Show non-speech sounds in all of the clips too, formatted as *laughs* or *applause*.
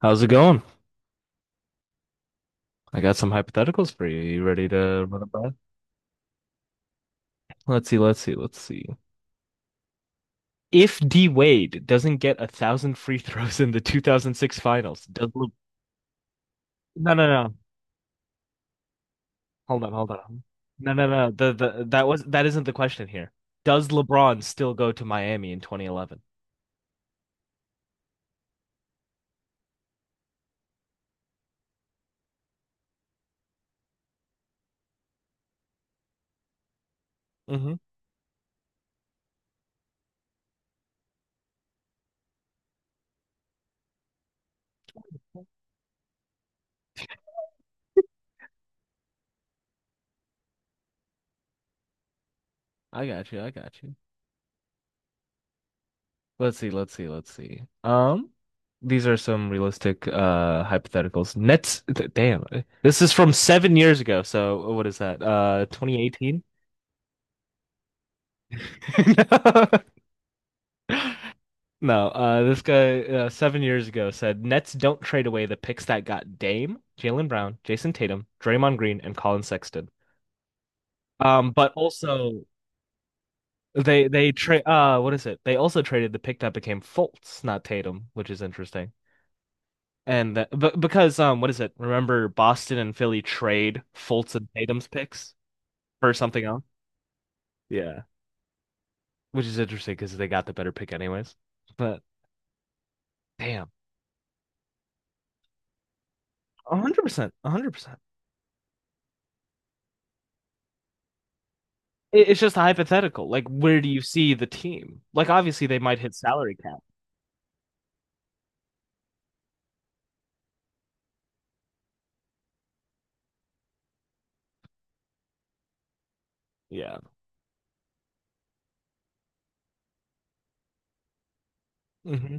How's it going? I got some hypotheticals for you. You ready to run it by? Let's see. If D Wade doesn't get a thousand free throws in the 2006 finals, does Le no, no, no. Hold on. No, no, no. The that was that isn't the question here. Does LeBron still go to Miami in 2011? Mm-hmm. I got you. Let's see, let's see, let's see. These are some realistic hypotheticals. Nets, damn. This is from 7 years ago, so what is that? 2018? *laughs* no, This guy, 7 years ago, said Nets don't trade away the picks that got Dame, Jalen Brown, Jason Tatum, Draymond Green, and Colin Sexton. But also, they trade, what is it? They also traded the pick that became Fultz, not Tatum, which is interesting. And that, but because what is it? Remember Boston and Philly trade Fultz and Tatum's picks for something else? Yeah, which is interesting because they got the better pick anyways. But damn. 100%, 100%. It's just a hypothetical. Like, where do you see the team? Like, obviously, they might hit salary cap. Yeah. Hmm.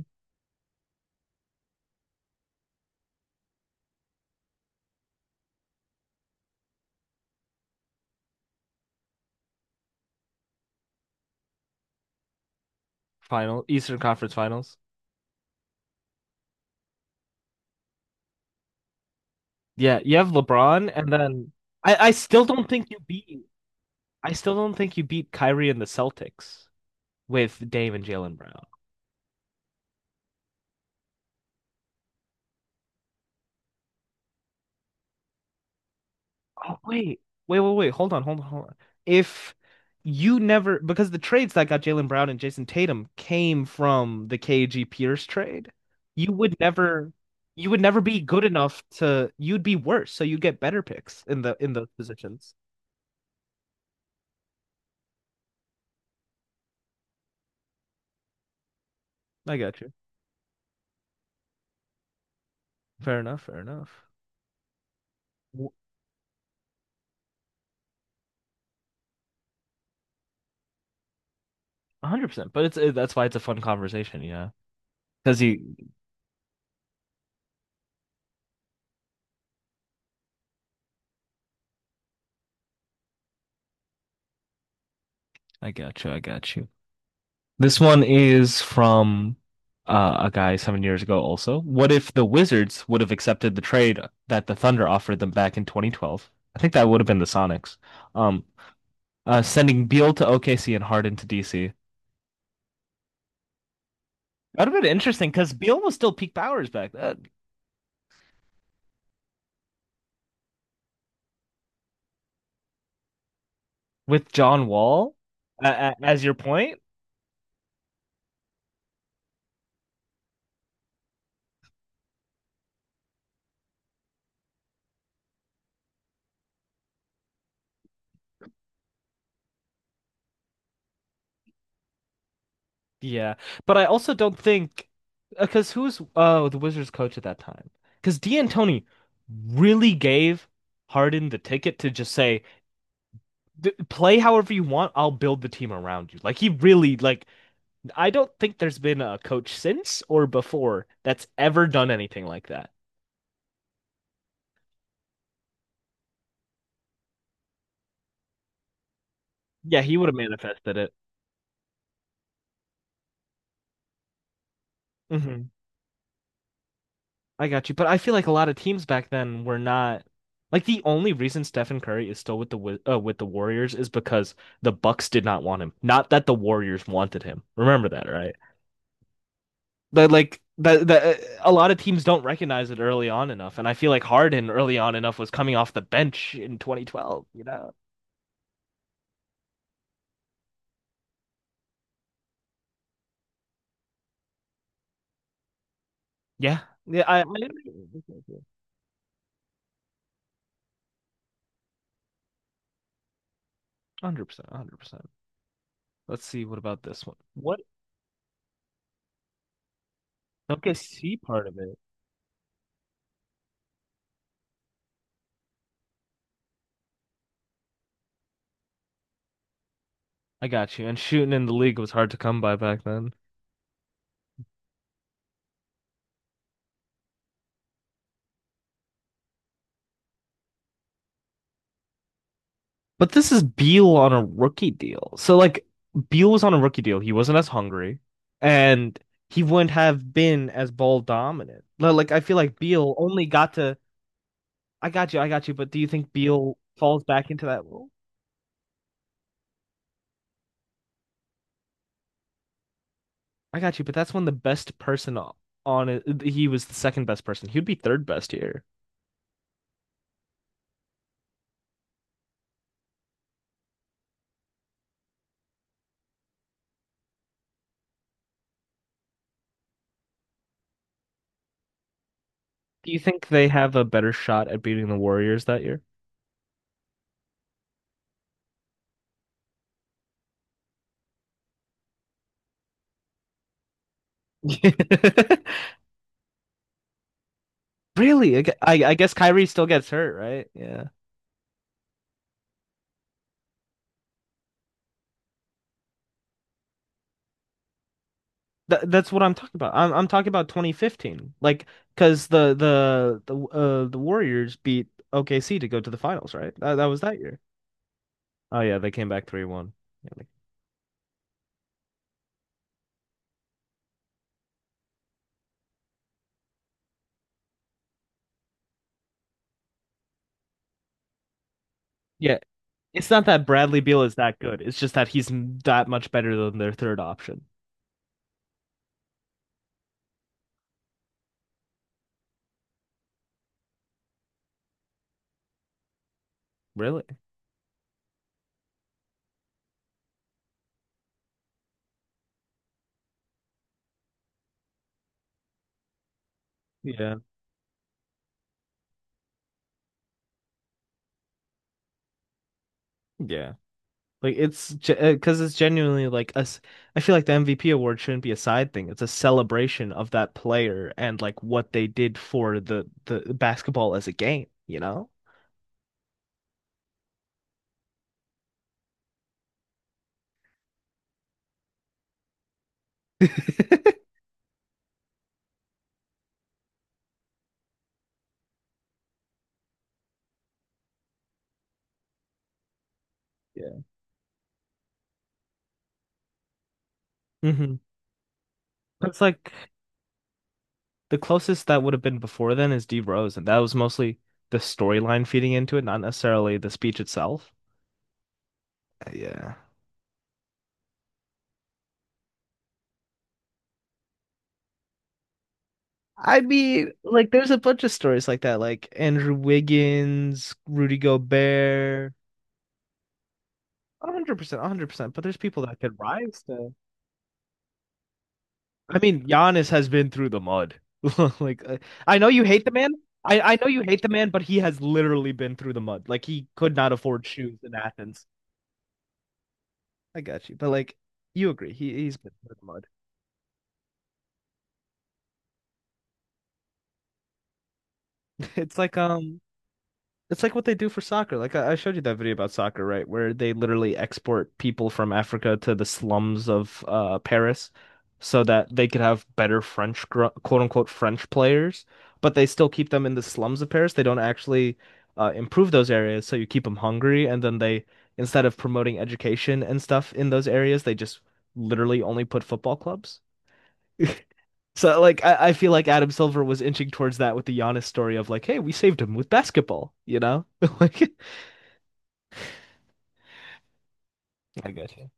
Final Eastern Conference Finals. Yeah, you have LeBron, and then I still don't think you beat. I still don't think you beat Kyrie and the Celtics with Dame and Jalen Brown. Oh wait. Hold on. If you never, because the trades that got Jalen Brown and Jason Tatum came from the KG Pierce trade, you would never, you would never be good enough to. You'd be worse, so you get better picks in the in those positions. I got you. Fair enough. Fair enough. 100%. But that's why it's a fun conversation. Yeah, Because you, I got you. This one is from a guy 7 years ago also. What if the Wizards would have accepted the trade that the Thunder offered them back in 2012? I think that would have been the Sonics. Um, Sending Beal to OKC and Harden to DC. That would have been interesting because Beal was still peak powers back then. With John Wall, as your point. Yeah, but I also don't think, because who's, the Wizards coach at that time? Because D'Antoni really gave Harden the ticket to just say, d play however you want. I'll build the team around you. Like he really like I don't think there's been a coach since or before that's ever done anything like that. Yeah, he would have manifested it. Hmm. I got you. But I feel like a lot of teams back then were not, like, the only reason Stephen Curry is still with the with the Warriors is because the Bucks did not want him. Not that the Warriors wanted him. Remember that, right? But like that a lot of teams don't recognize it early on enough, and I feel like Harden early on enough was coming off the bench in 2012. You know? Yeah, yeah. I 100%, 100%. Let's see. What about this one? What OKC part of it? I got you. And shooting in the league was hard to come by back then. But this is Beal on a rookie deal. So like Beal was on a rookie deal. He wasn't as hungry, and he wouldn't have been as ball dominant. Like I feel like Beal only got to I got you. But do you think Beal falls back into that role? I got you, but that's when the best person on it, he was the second best person. He'd be third best here. Do you think they have a better shot at beating the Warriors that year? *laughs* Really? I, gu- I guess Kyrie still gets hurt, right? Yeah. Th That's what I'm talking about. I'm talking about 2015. Like, because the Warriors beat OKC to go to the finals, right? That was that year. Oh yeah, they came back 3-1. Yeah, yeah. It's not that Bradley Beal is that good. It's just that he's that much better than their third option. Really? Yeah. Yeah. Like it's because it's genuinely like us. I feel like the MVP award shouldn't be a side thing. It's a celebration of that player and like what they did for the basketball as a game, you know? Yeah. Mm-hmm. It's like the closest that would have been before then is D Rose, and that was mostly the storyline feeding into it, not necessarily the speech itself. Yeah. I mean, like, there's a bunch of stories like that, like Andrew Wiggins, Rudy Gobert. 100%, 100%. But there's people that could rise to. I mean, Giannis has been through the mud. *laughs* Like, I know you hate the man. I know you hate the man, but he has literally been through the mud. Like, he could not afford shoes in Athens. I got you. But, like, you agree. He's been through the mud. *laughs* It's like, um, It's like what they do for soccer. Like I showed you that video about soccer, right? Where they literally export people from Africa to the slums of Paris so that they could have better French, quote unquote French players, but they still keep them in the slums of Paris. They don't actually improve those areas, so you keep them hungry, and then they, instead of promoting education and stuff in those areas, they just literally only put football clubs. *laughs* So like I feel like Adam Silver was inching towards that with the Giannis story of like, hey, we saved him with basketball, you know? *laughs* Like I got you.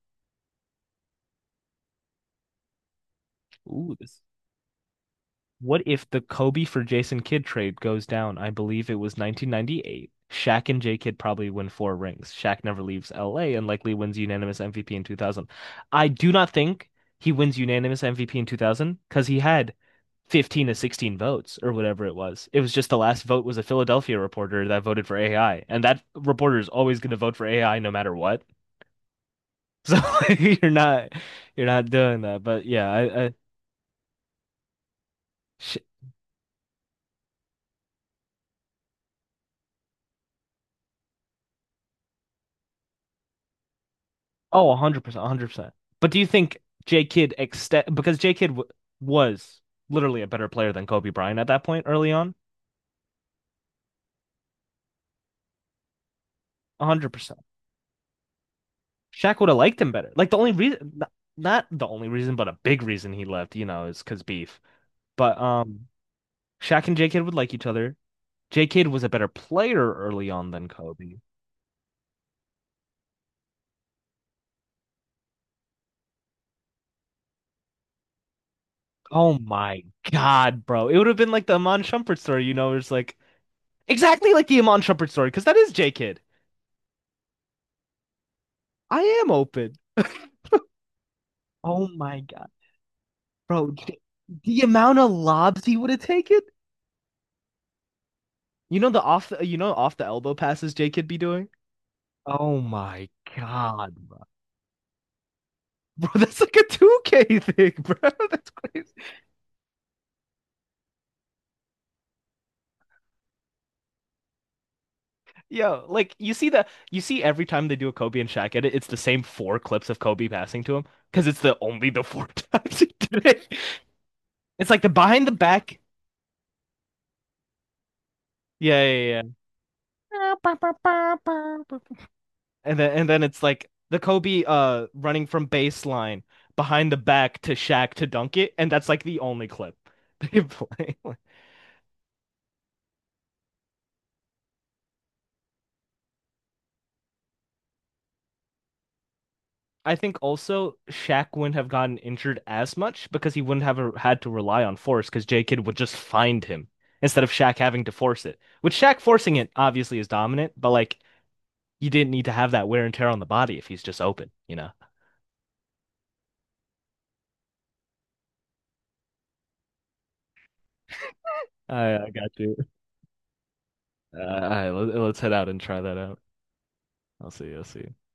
Ooh, this. What if the Kobe for Jason Kidd trade goes down? I believe it was 1998. Shaq and J Kidd probably win 4 rings. Shaq never leaves LA and likely wins unanimous MVP in 2000. I do not think he wins unanimous MVP in 2000 because he had 15 to 16 votes or whatever it was. It was just the last vote was a Philadelphia reporter that voted for AI, and that reporter is always going to vote for AI no matter what. So *laughs* you're not you're not doing that. But yeah, I sh oh, 100%, 100%. But do you think J Kidd extend, because J Kidd w was literally a better player than Kobe Bryant at that point early on? 100%. Shaq would have liked him better. Like the only reason not, not the only reason, but a big reason he left, you know, is because beef. But Shaq and J Kidd would like each other. J Kidd was a better player early on than Kobe. Oh my God, bro. It would have been like the Amon Shumpert story, you know, it's like exactly like the Amon Shumpert story, because that is J Kidd. I am open. *laughs* Oh my God, bro. The amount of lobs he would have taken. You know the you know off the elbow passes J Kidd be doing? Oh my God, bro. Bro, that's like a 2K thing, *laughs* bro. That's crazy. Yo, like you see every time they do a Kobe and Shaq edit, it's the same 4 clips of Kobe passing to him because it's the only the 4 *laughs* times he did it. It's like the behind the back. Yeah, yeah, yeah, yeah. And then, and then it's like the Kobe, running from baseline behind the back to Shaq to dunk it, and that's like the only clip they play. *laughs* I think also Shaq wouldn't have gotten injured as much because he wouldn't had to rely on force because J Kidd would just find him instead of Shaq having to force it. With Shaq forcing it, obviously is dominant, but like you didn't need to have that wear and tear on the body if he's just open, you know. I got you. All right, let's head out and try that out. I'll see you. I'll see you.